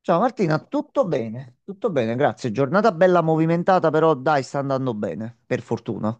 Ciao Martina, tutto bene? Tutto bene, grazie. Giornata bella movimentata, però dai, sta andando bene, per fortuna.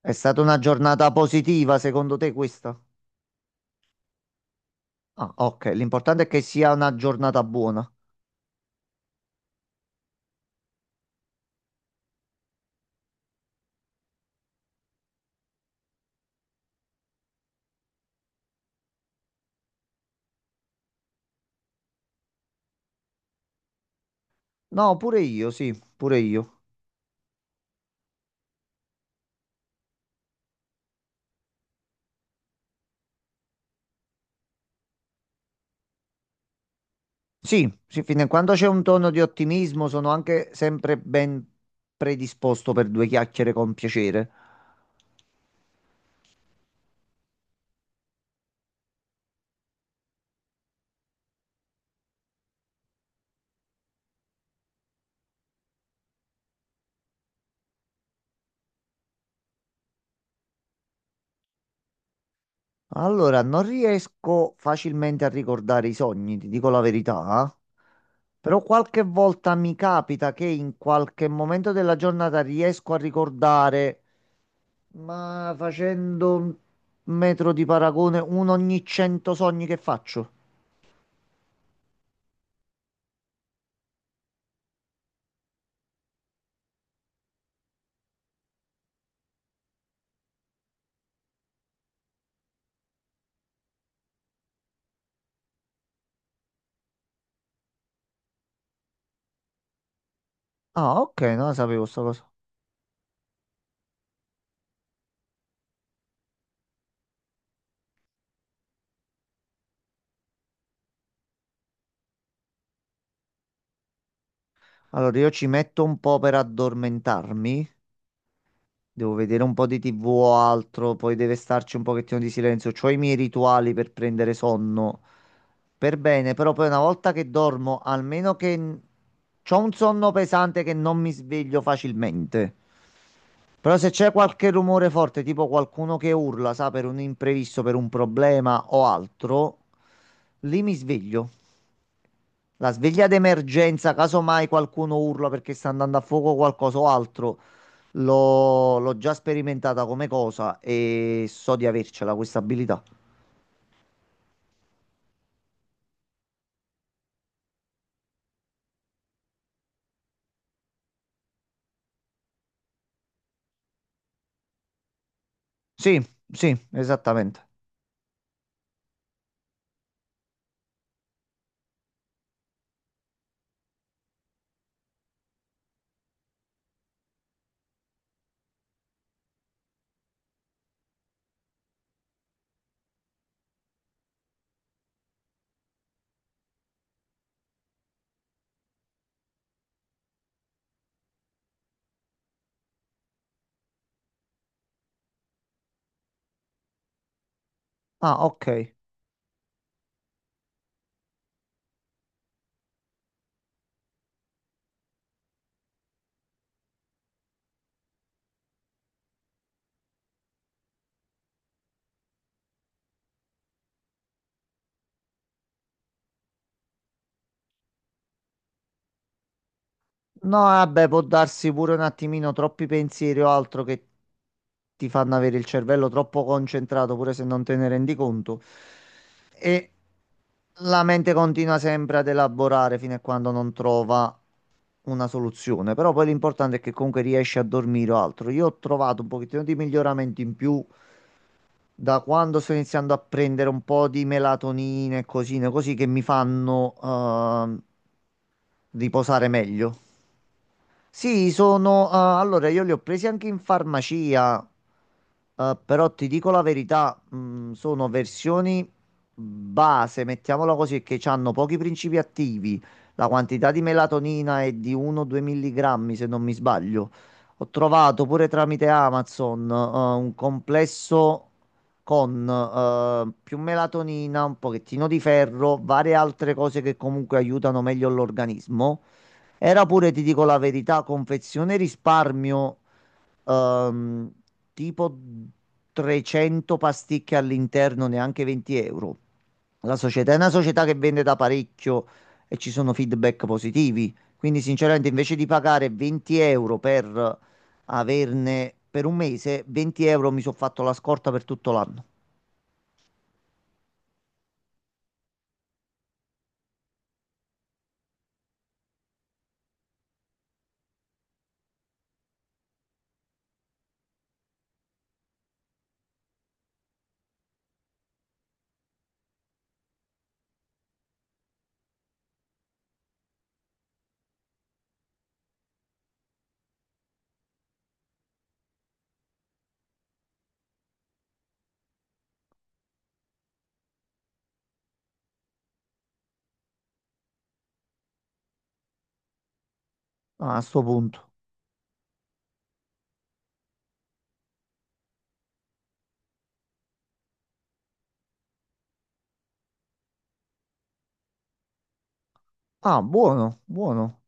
È stata una giornata positiva, secondo te questa? Ah, ok, l'importante è che sia una giornata buona. No, pure io. Sì, sì, fino a quando c'è un tono di ottimismo sono anche sempre ben predisposto per due chiacchiere con piacere. Allora, non riesco facilmente a ricordare i sogni, ti dico la verità, eh. Però qualche volta mi capita che in qualche momento della giornata riesco a ricordare, ma facendo un metro di paragone, uno ogni 100 sogni che faccio. Ah, ok, non la sapevo sta cosa. Allora, io ci metto un po' per addormentarmi, devo vedere un po' di TV o altro, poi deve starci un pochettino di silenzio, ho i miei rituali per prendere sonno. Per bene, però poi una volta che dormo, almeno che ho un sonno pesante che non mi sveglio facilmente. Però se c'è qualche rumore forte, tipo qualcuno che urla, sa, per un imprevisto, per un problema o altro, lì mi sveglio. La sveglia d'emergenza, caso mai qualcuno urla perché sta andando a fuoco qualcosa o altro, l'ho già sperimentata come cosa e so di avercela questa abilità. Sì, sì, esattamente. Ah, ok. No, vabbè, può darsi pure un attimino troppi pensieri o altro che ti fanno avere il cervello troppo concentrato, pure se non te ne rendi conto. E la mente continua sempre ad elaborare fino a quando non trova una soluzione. Però poi l'importante è che comunque riesci a dormire o altro. Io ho trovato un pochettino di miglioramento in più da quando sto iniziando a prendere un po' di melatonina e cosine così che mi fanno riposare meglio. Sì, ah, allora, io li ho presi anche in farmacia, però ti dico la verità, sono versioni base, mettiamola così, che hanno pochi principi attivi. La quantità di melatonina è di 1-2 milligrammi, se non mi sbaglio. Ho trovato pure tramite Amazon, un complesso con più melatonina, un pochettino di ferro, varie altre cose che comunque aiutano meglio l'organismo. Era pure, ti dico la verità, confezione risparmio, ehm, tipo 300 pasticche all'interno, neanche 20 euro. La società è una società che vende da parecchio e ci sono feedback positivi. Quindi, sinceramente, invece di pagare 20 euro per averne per un mese, 20 euro mi sono fatto la scorta per tutto l'anno. Ah, a sto punto. Ah, buono, buono.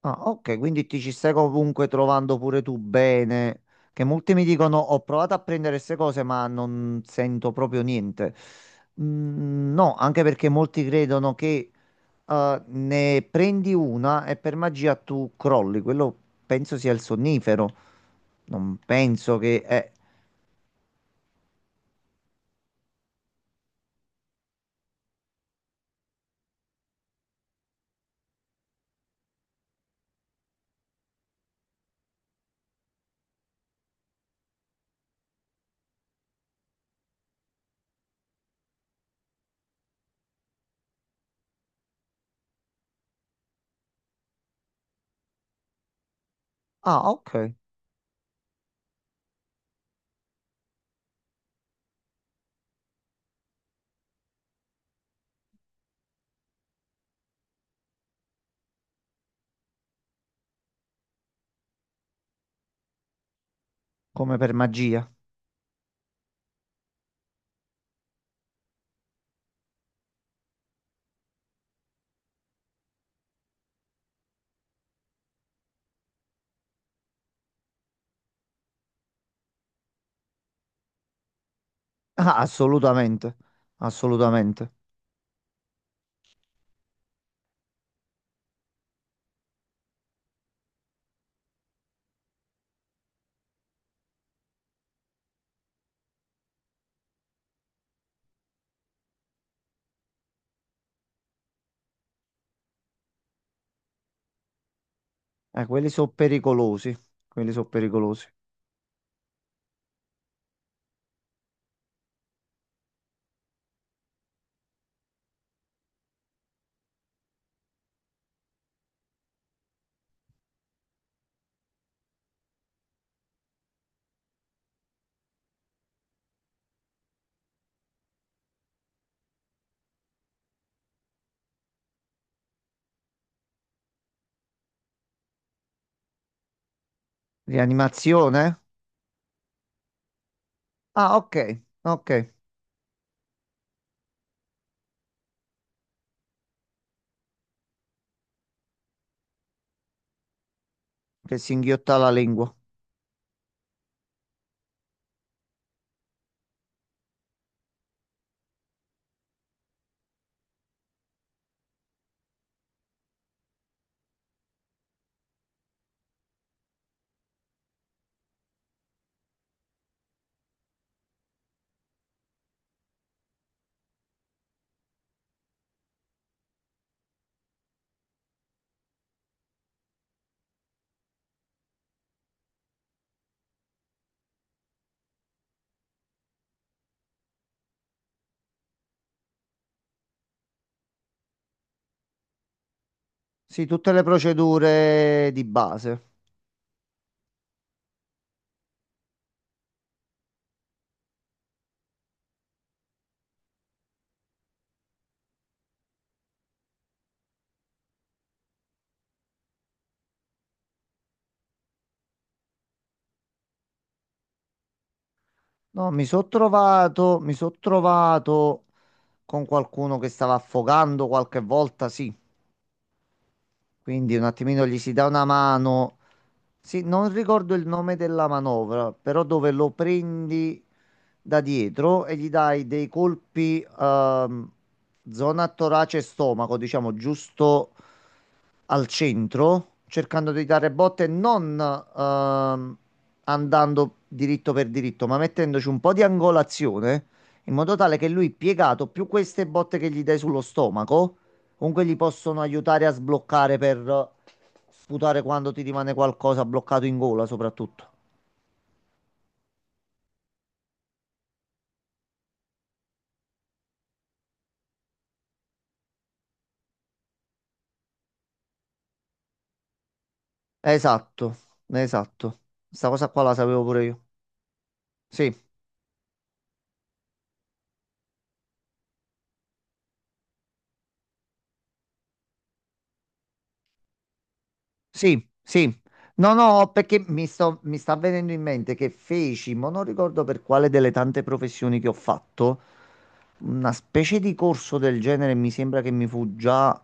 Ah, ok, quindi ti ci stai comunque trovando pure tu bene. Che molti mi dicono: Ho provato a prendere queste cose, ma non sento proprio niente. Mm, no, anche perché molti credono che ne prendi una e per magia tu crolli. Quello penso sia il sonnifero. Non penso che è. Ah, ok, come per magia. Ah, assolutamente, assolutamente. Quelli sono pericolosi. Quelli sono pericolosi. Rianimazione? Ah, ok, ok, che si inghiotta la lingua. Sì, tutte le procedure di base. No, mi sono trovato con qualcuno che stava affogando qualche volta, sì. Quindi un attimino gli si dà una mano. Sì, non ricordo il nome della manovra, però dove lo prendi da dietro e gli dai dei colpi, zona torace e stomaco, diciamo, giusto al centro, cercando di dare botte, non andando diritto per diritto, ma mettendoci un po' di angolazione, in modo tale che lui piegato, più queste botte che gli dai sullo stomaco, comunque gli possono aiutare a sbloccare per sputare quando ti rimane qualcosa bloccato in gola, soprattutto. Esatto, esatto. Sta cosa qua la sapevo pure io. Sì. Sì, sì. No, no, perché mi sta venendo in mente che feci, ma non ricordo per quale delle tante professioni che ho fatto, una specie di corso del genere mi sembra che mi fu già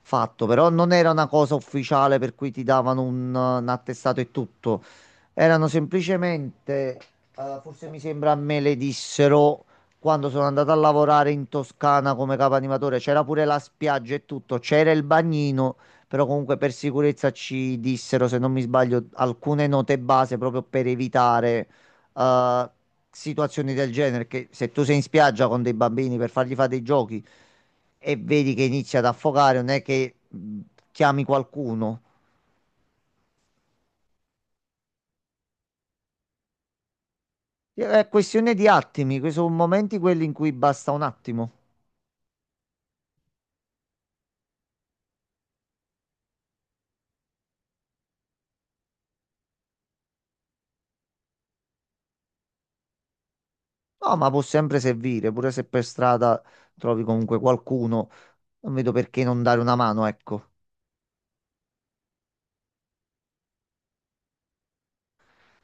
fatto, però non era una cosa ufficiale per cui ti davano un attestato e tutto. Erano semplicemente, forse mi sembra me le dissero quando sono andato a lavorare in Toscana come capo animatore, c'era pure la spiaggia e tutto, c'era il bagnino però comunque per sicurezza ci dissero, se non mi sbaglio, alcune note base proprio per evitare eh, situazioni del genere, che se tu sei in spiaggia con dei bambini per fargli fare dei giochi e vedi che inizia ad affogare, non è che chiami qualcuno. È questione di attimi, sono momenti quelli in cui basta un attimo. No, ma può sempre servire, pure se per strada trovi comunque qualcuno, non vedo perché non dare una mano, ecco.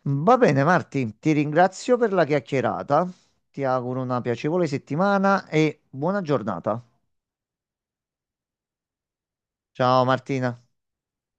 Va bene, Marti, ti ringrazio per la chiacchierata. Ti auguro una piacevole settimana e buona giornata. Ciao Martina.